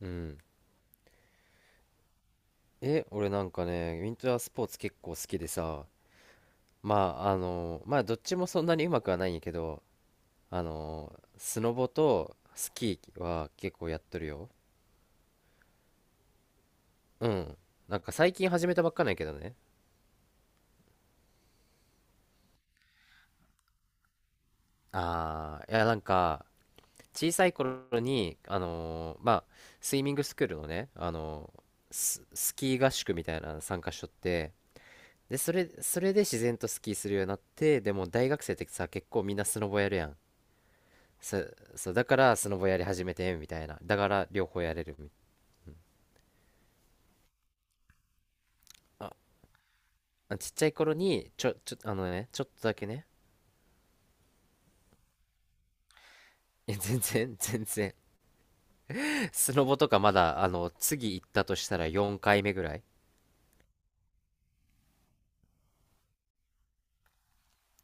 うん。俺なんかね、ウィンタースポーツ結構好きでさ、ままあ、どっちもそんなにうまくはないんやけど、スノボとスキーは結構やっとるよ。うん。なんか最近始めたばっかなんやけどね。ああ、いや、なんか、小さい頃に、まあ、スイミングスクールのね、スキー合宿みたいなの参加しとって、で、それで自然とスキーするようになって、でも大学生ってさ、結構みんなスノボやるやん。そう、そう、だからスノボやり始めてみたいな。だから両方やれるみ。あ、あ、ちっちゃい頃に、ちょ、ちょ、あのね、ちょっとだけね。いや全然、全然。スノボとかまだ、次行ったとしたら4回目ぐらい。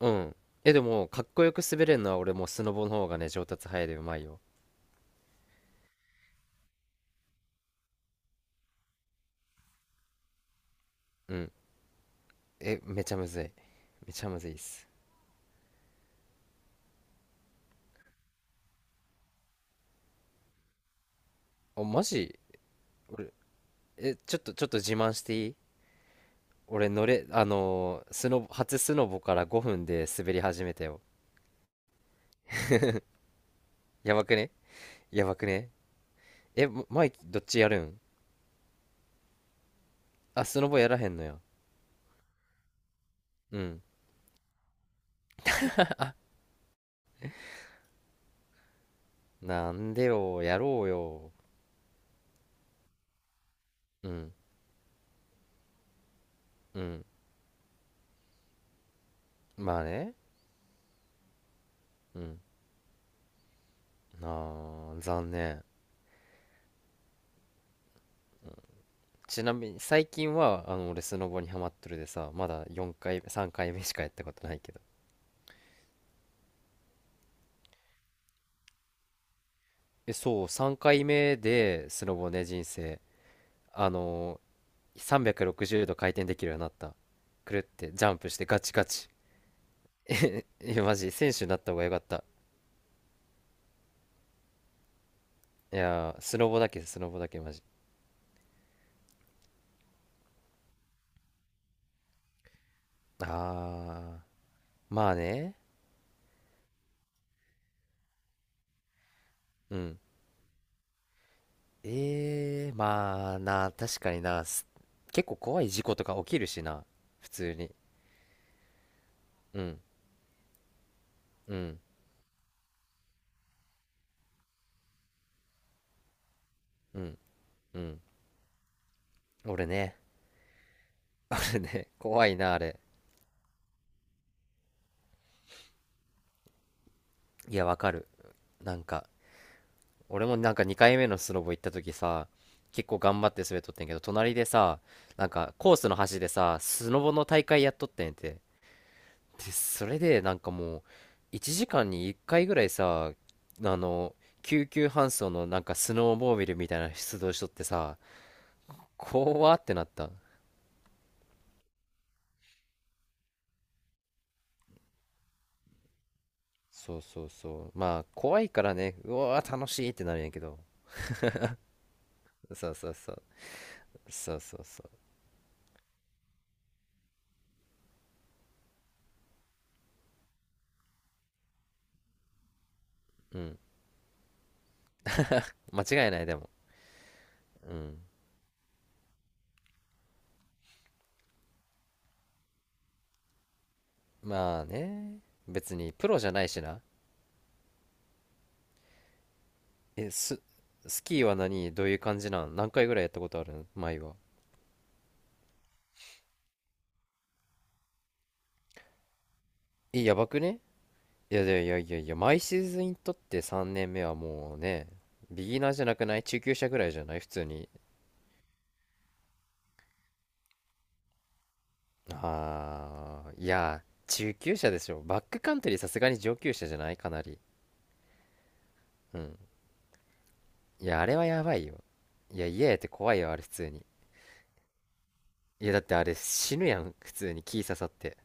うん。でも、かっこよく滑れるのは俺もうスノボの方がね、上達早いでうまいよ。うん。めちゃむずい。めちゃむずいっす。あ、マジ。俺、え、ちょっと、ちょっと自慢していい？俺乗れ、あのースノボ、初スノボから5分で滑り始めたよ。やばくね？やばくね？マイキ、どっちやるん？あ、スノボやらへんのや。うん。なんでよ、やろうよ。うん、うん。まあね。うん。あー、残念。ちなみに、最近は、俺スノボにハマっとるでさ、まだ4回、3回目しかやったことないけど。そう、3回目で、スノボね、人生。あの360度回転できるようになった。くるってジャンプしてガチガチ。え、マジ、選手になった方がよかった。いやー、スノボだけ、スノボだけマジ。ああ、まあね。うん。ええーまあな、確かにな、結構怖い事故とか起きるしな、普通に。うん、うん、うん、うん。俺ね、俺ね、怖いな、あれ。いや、わかる。なんか、俺もなんか2回目のスノボ行った時さ、結構頑張って滑っとってんけど、隣でさ、なんかコースの端でさ、スノボの大会やっとってんて。で、それでなんかもう、1時間に1回ぐらいさ、あの、救急搬送のなんかスノーモービルみたいな出動しとってさ、怖ってなった。そうそうそう。まあ、怖いからね、うわー楽しいってなるんやけど。そうそうそう。そうそうそう。うん。間違いない、でも。うん。まあね。別にプロじゃないしな。え、ス、スキーは、何どういう感じなん？何回ぐらいやったことあるん、前は？やばくね？いやいやいやいやいや、毎シーズンにとって3年目はもうね、ビギナーじゃなくない？中級者ぐらいじゃない、普通に。ああ、いや、中級者でしょ。バックカントリー、さすがに上級者じゃない？かなり。うん。いや、あれはやばいよ。いや、家やって怖いよ、あれ普通に。いや、だってあれ死ぬやん、普通に木刺さって。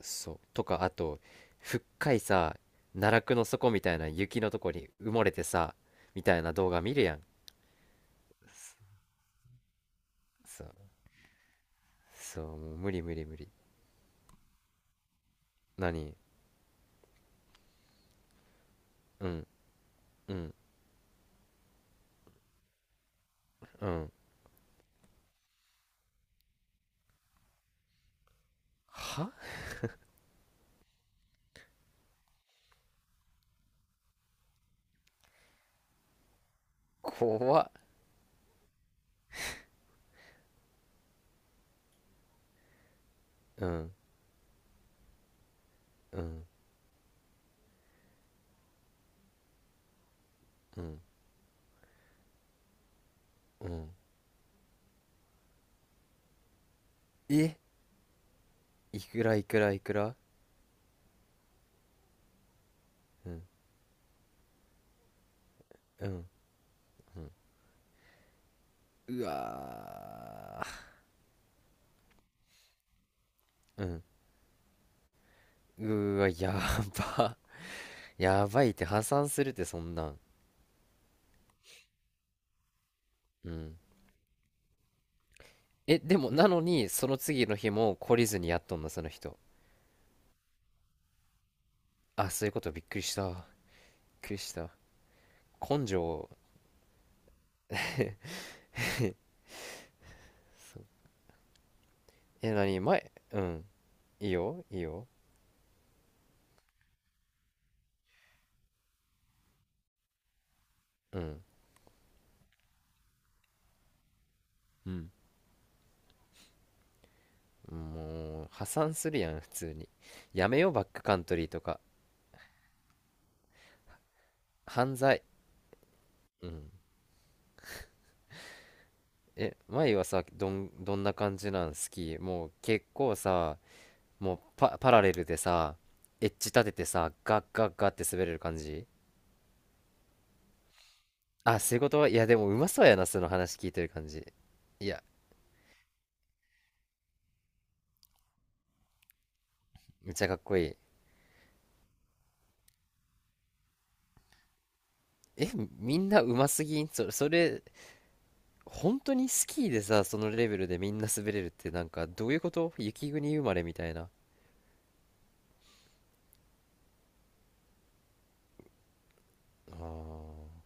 そう。とか、あと、深いさ、奈落の底みたいな雪のとこに埋もれてさ、みたいな動画見るやん。そう。そう、もう無理無理無理。何？うん、うん、うん。は？怖っ。うん、うん、うん、うん。え、いくら、いくら、いくら？うん、うん、うん。うわー。うん。うーわ。やばやば、いって。破産するってそんなん。うん。え、でも、なのにその次の日も懲りずにやっとんな、その人？あ、そういうこと。びっくりした、びっくりした。根性。え？何？前？うん。いいよ、いいよ。うん、うん。もう破産するやん、普通に。やめようバックカントリーとか。犯罪。うん。え、前はさ、どんな感じなん？好き？もう結構さ、もうパラレルでさ、エッジ立ててさ、ガッガッガッって滑れる感じ？あ、仕事はいやでもうまそうやな、その話聞いてる感じ。いや、めっちゃかっこいい。え、みんなうますぎん？それ。本当にスキーでさ、そのレベルでみんな滑れるって、なんかどういうこと？雪国生まれみたいな。あー。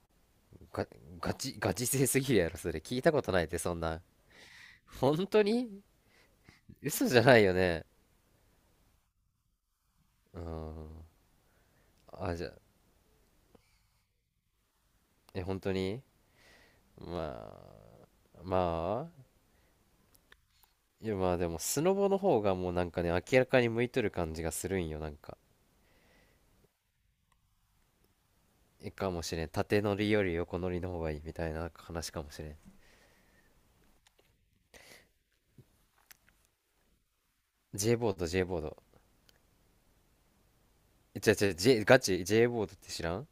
がガチ、ガチ勢すぎるやろ、それ。聞いたことないって、そんな。本当に、嘘じゃないよね。うん。あ、じゃあ、本当に？ままあ、いやまあでも、スノボの方がもうなんかね、明らかに向いとる感じがするんよ、なんか。かもしれん。縦乗りより横乗りの方がいいみたいな話かもしれん。J ボード、J ボード。え、違う違う、ガチ、J ボードって知らん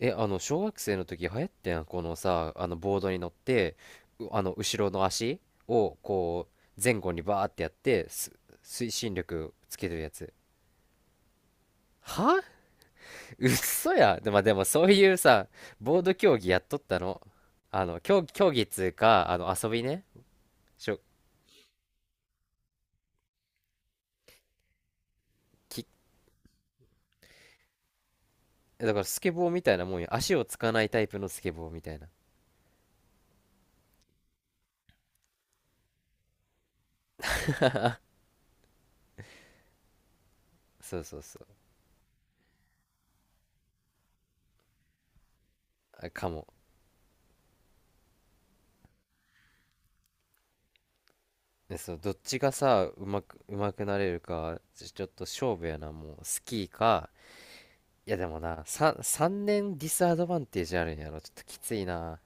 え、あの、小学生の時流行ってん、このさ、ボードに乗って、うあの、後ろの足を、こう、前後にバーってやって、推進力つけてるやつ。は、嘘や。で、まあ、でも、そういうさ、ボード競技やっとったの。競技っつうか、遊びね。しょ、き、だから、スケボーみたいなもんよ。足をつかないタイプのスケボーみたいな。そうそうそう。あ、かも。で、そう、どっちがさ、うまくなれるか、ちょっと勝負やな、もう。スキーか、いやでもな、3年ディスアドバンテージあるんやろ。ちょっときついな。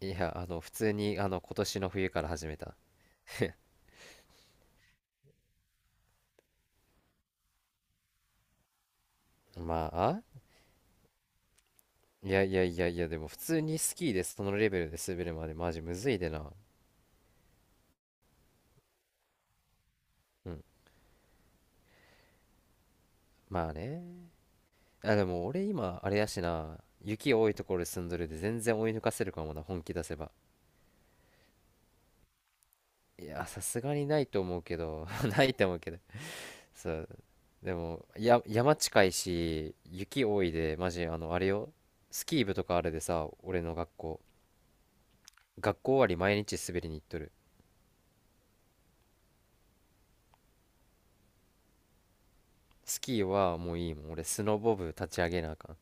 いや、普通に、今年の冬から始めた。まあ、いやいやいやいや、でも普通にスキーでそのレベルで滑るまでマジむずいでな。うん。まあね。あ、でも俺今、あれやしな。雪多いところで住んどるで全然追い抜かせるかもな、本気出せば。いや、さすがにないと思うけど、ないと思うけど。そう、でもや、山近いし雪多いで、マジ、あれよ、スキー部とかあれでさ、俺の学校、学校終わり毎日滑りに行っとる。スキーはもういいもん。俺スノボ部立ち上げなあかん。